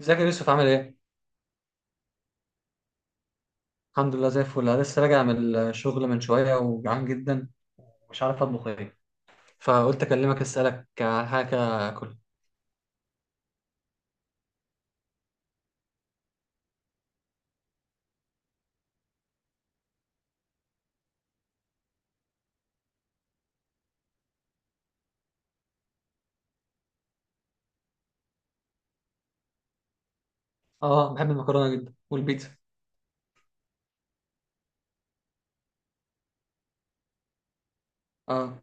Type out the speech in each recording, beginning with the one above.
ازيك يا يوسف؟ عامل ايه؟ الحمد لله زي الفل. انا لسه راجع من الشغل من شويه وجعان جدا ومش عارف اطبخ ايه، فقلت اكلمك اسالك على حاجه اكل. اه بحب المكرونه جدا والبيتزا. اه.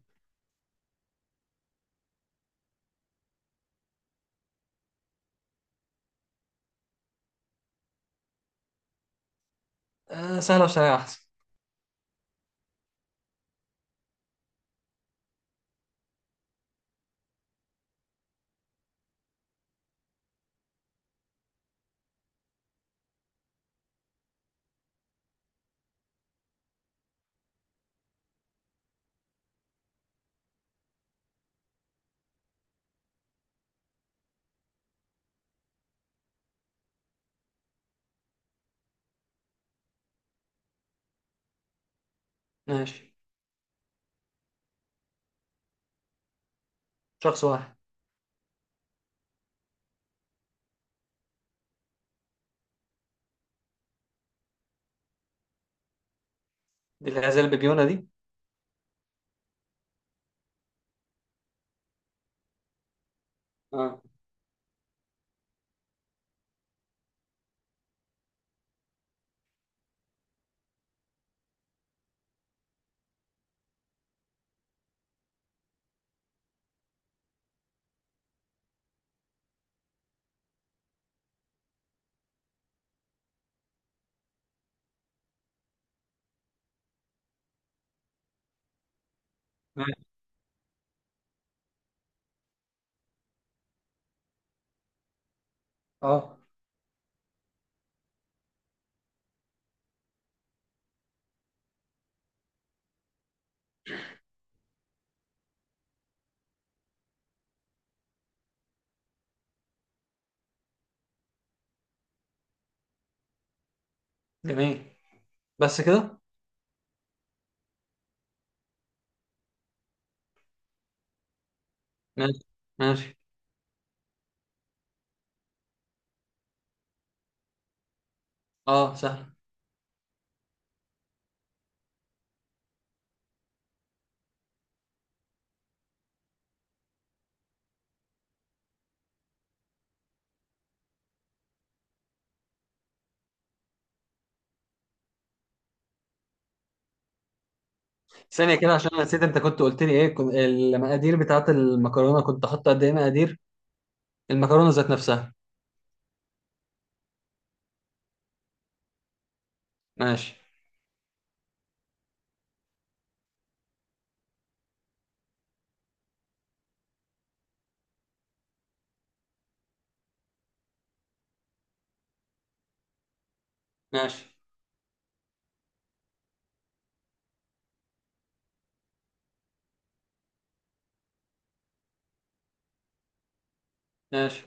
آه، سهله وسريعه احسن. ماشي. شخص واحد. دي اللي زي البيبيونه دي؟ اه. ماشي. اه. جميل. بس كده؟ ماشي. ماشي. اه سهل. ثانيه كده، عشان أنا نسيت انت كنت قلت لي ايه. المقادير بتاعت المكرونه كنت حاطط قد ايه مقادير؟ المكرونه ذات نفسها. ماشي. ماشي. ماشي.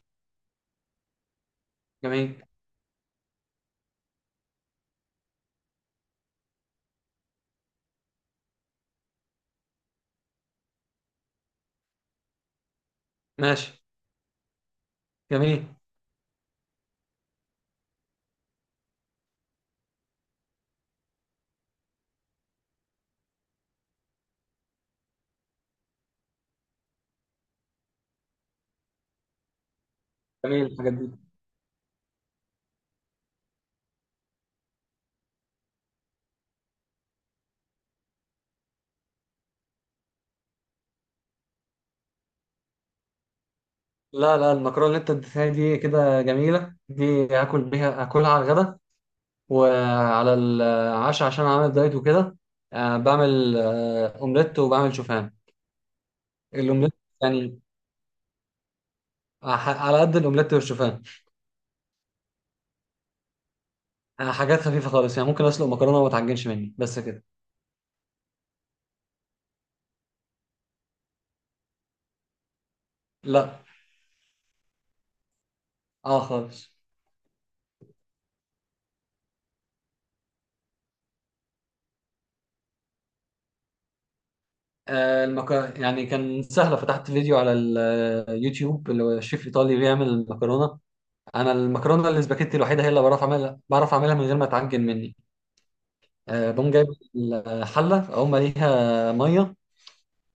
جميل. ماشي. جميل. جميل الحاجات دي. لا لا، المكرونة اللي انت اديتها لي دي كده جميلة، دي هاكل بيها، هاكلها على الغدا وعلى العشاء عشان عامل دايت وكده. بعمل اومليت وبعمل شوفان. الاومليت يعني على قد الاومليت والشوفان. حاجات خفيفة خالص، يعني ممكن اسلق مكرونة وما تعجنش مني بس كده. لا. اه خالص. آه، المك... يعني كان سهلة، فتحت فيديو على اليوتيوب اللي هو شيف ايطالي بيعمل المكرونة. انا المكرونه الاسباجيتي الوحيده هي اللي بعرف اعملها، بعرف اعملها من غير ما تعجن مني. أه، بقوم جايب الحله اقوم مليها ميه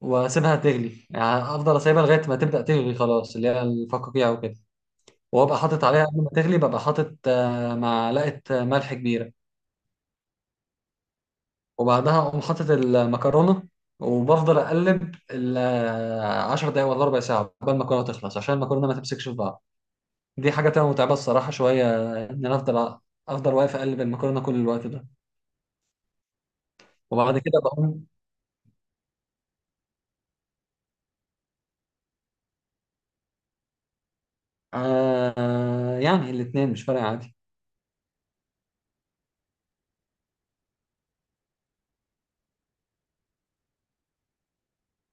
واسيبها تغلي، يعني افضل اسيبها لغايه ما تبدا تغلي خلاص اللي هي الفقاقيع وكده. وابقى حاطط عليها قبل ما تغلي، ببقى حاطط معلقه ملح كبيره. وبعدها اقوم حاطط المكرونه وبفضل اقلب ال 10 دقايق ولا ربع ساعه قبل المكرونه تخلص عشان المكرونه ما تمسكش في بعض. دي حاجه تبقى متعبه الصراحه شويه، ان انا افضل واقف اقلب المكرونه كل الوقت ده. وبعد كده بقوم. آه، يعني الاتنين مش فارقة عادي.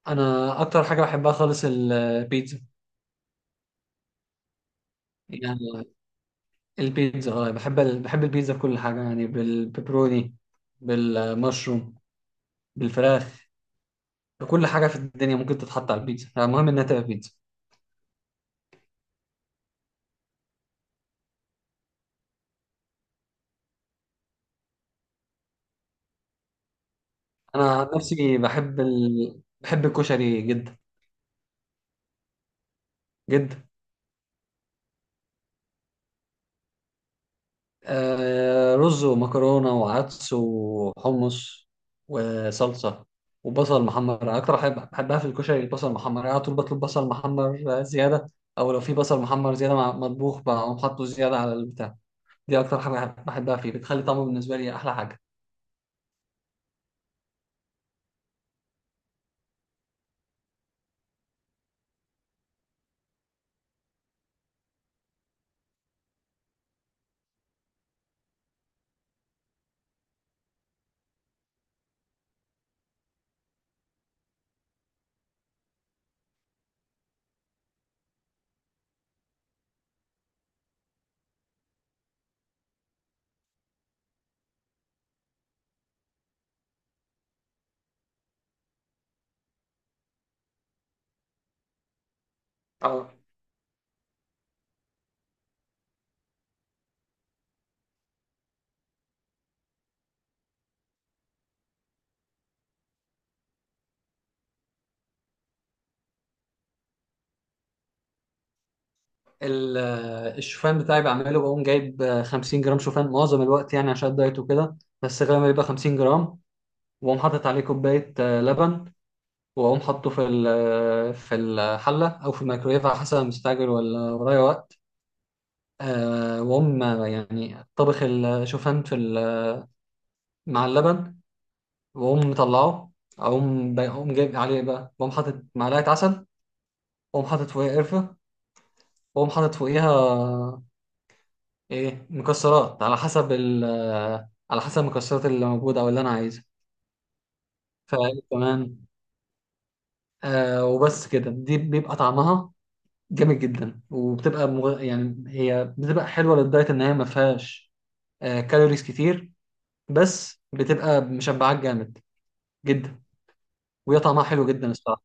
أنا أكتر حاجة بحبها خالص البيتزا. يعني البيتزا، اه بحب بحب البيتزا بكل حاجة، يعني بالبيبروني، بالمشروم، بالفراخ، بكل حاجة في الدنيا ممكن تتحط على البيتزا، يعني المهم إنها تبقى بيتزا. أنا عن نفسي بحب بحب الكشري جدا. جدا. آه، رز ومكرونة وعدس وحمص وصلصة وبصل محمر. أكتر حاجة بحبها في الكشري البصل المحمر، يعني على طول بطلب بصل محمر زيادة، أو لو في بصل محمر زيادة مع مطبوخ بقوم حاطه زيادة على البتاع. دي أكتر حاجة بحبها فيه، بتخلي طعمه بالنسبة لي أحلى حاجة. اه. الشوفان بتاعي بعمله بقوم جايب 50 جرام شوفان معظم الوقت، يعني عشان الدايت وكده، بس غالبا بيبقى 50 جرام. وأقوم حاطط عليه كوباية لبن، واقوم حاطه في الحله او في الميكرويف على حسب أنا مستعجل ولا ورايا وقت. واقوم يعني طبخ الشوفان مع اللبن، واقوم مطلعه. اقوم جايب عليه بقى، واقوم حاطط معلقه عسل، واقوم حاطط فوقيها قرفه، واقوم حاطط فوقيها ايه مكسرات على حسب على حسب المكسرات اللي موجوده او اللي انا عايزها. فكمان آه، وبس كده، دي بيبقى طعمها جامد جدا. يعني هي بتبقى حلوه للدايت ان هي ما فيهاش كالوريز كتير، بس بتبقى مشبعاك جامد جدا. وهي طعمها حلو جدا الصراحه.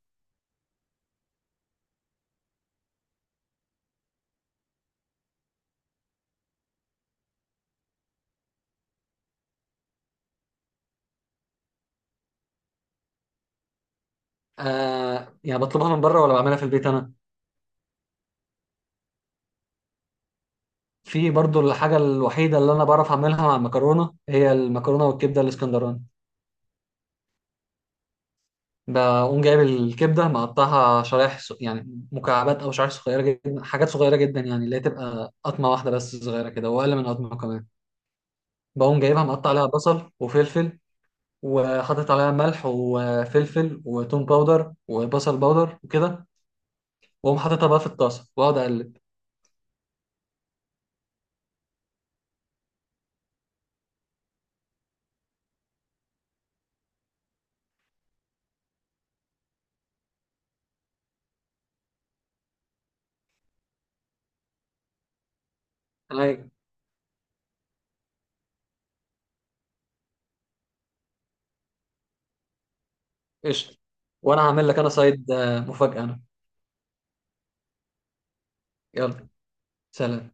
آه، يعني بطلبها من بره ولا بعملها في البيت انا؟ في برضو الحاجه الوحيده اللي انا بعرف اعملها مع المكرونه هي المكرونه والكبده الاسكندراني. بقوم جايب الكبده مقطعها يعني مكعبات او شرايح صغيره جدا، حاجات صغيره جدا، يعني اللي هي تبقى قطمه واحده بس صغيره كده، واقل من قطمه كمان. بقوم جايبها مقطع عليها بصل وفلفل، وحاطط عليها ملح وفلفل وتوم باودر وبصل باودر وكده، واقوم حاططها بقى في الطاسه واقعد اقلب. انا إيه؟ قشطه. وانا هعمل لك انا سايد مفاجاه انا. يلا، سلام.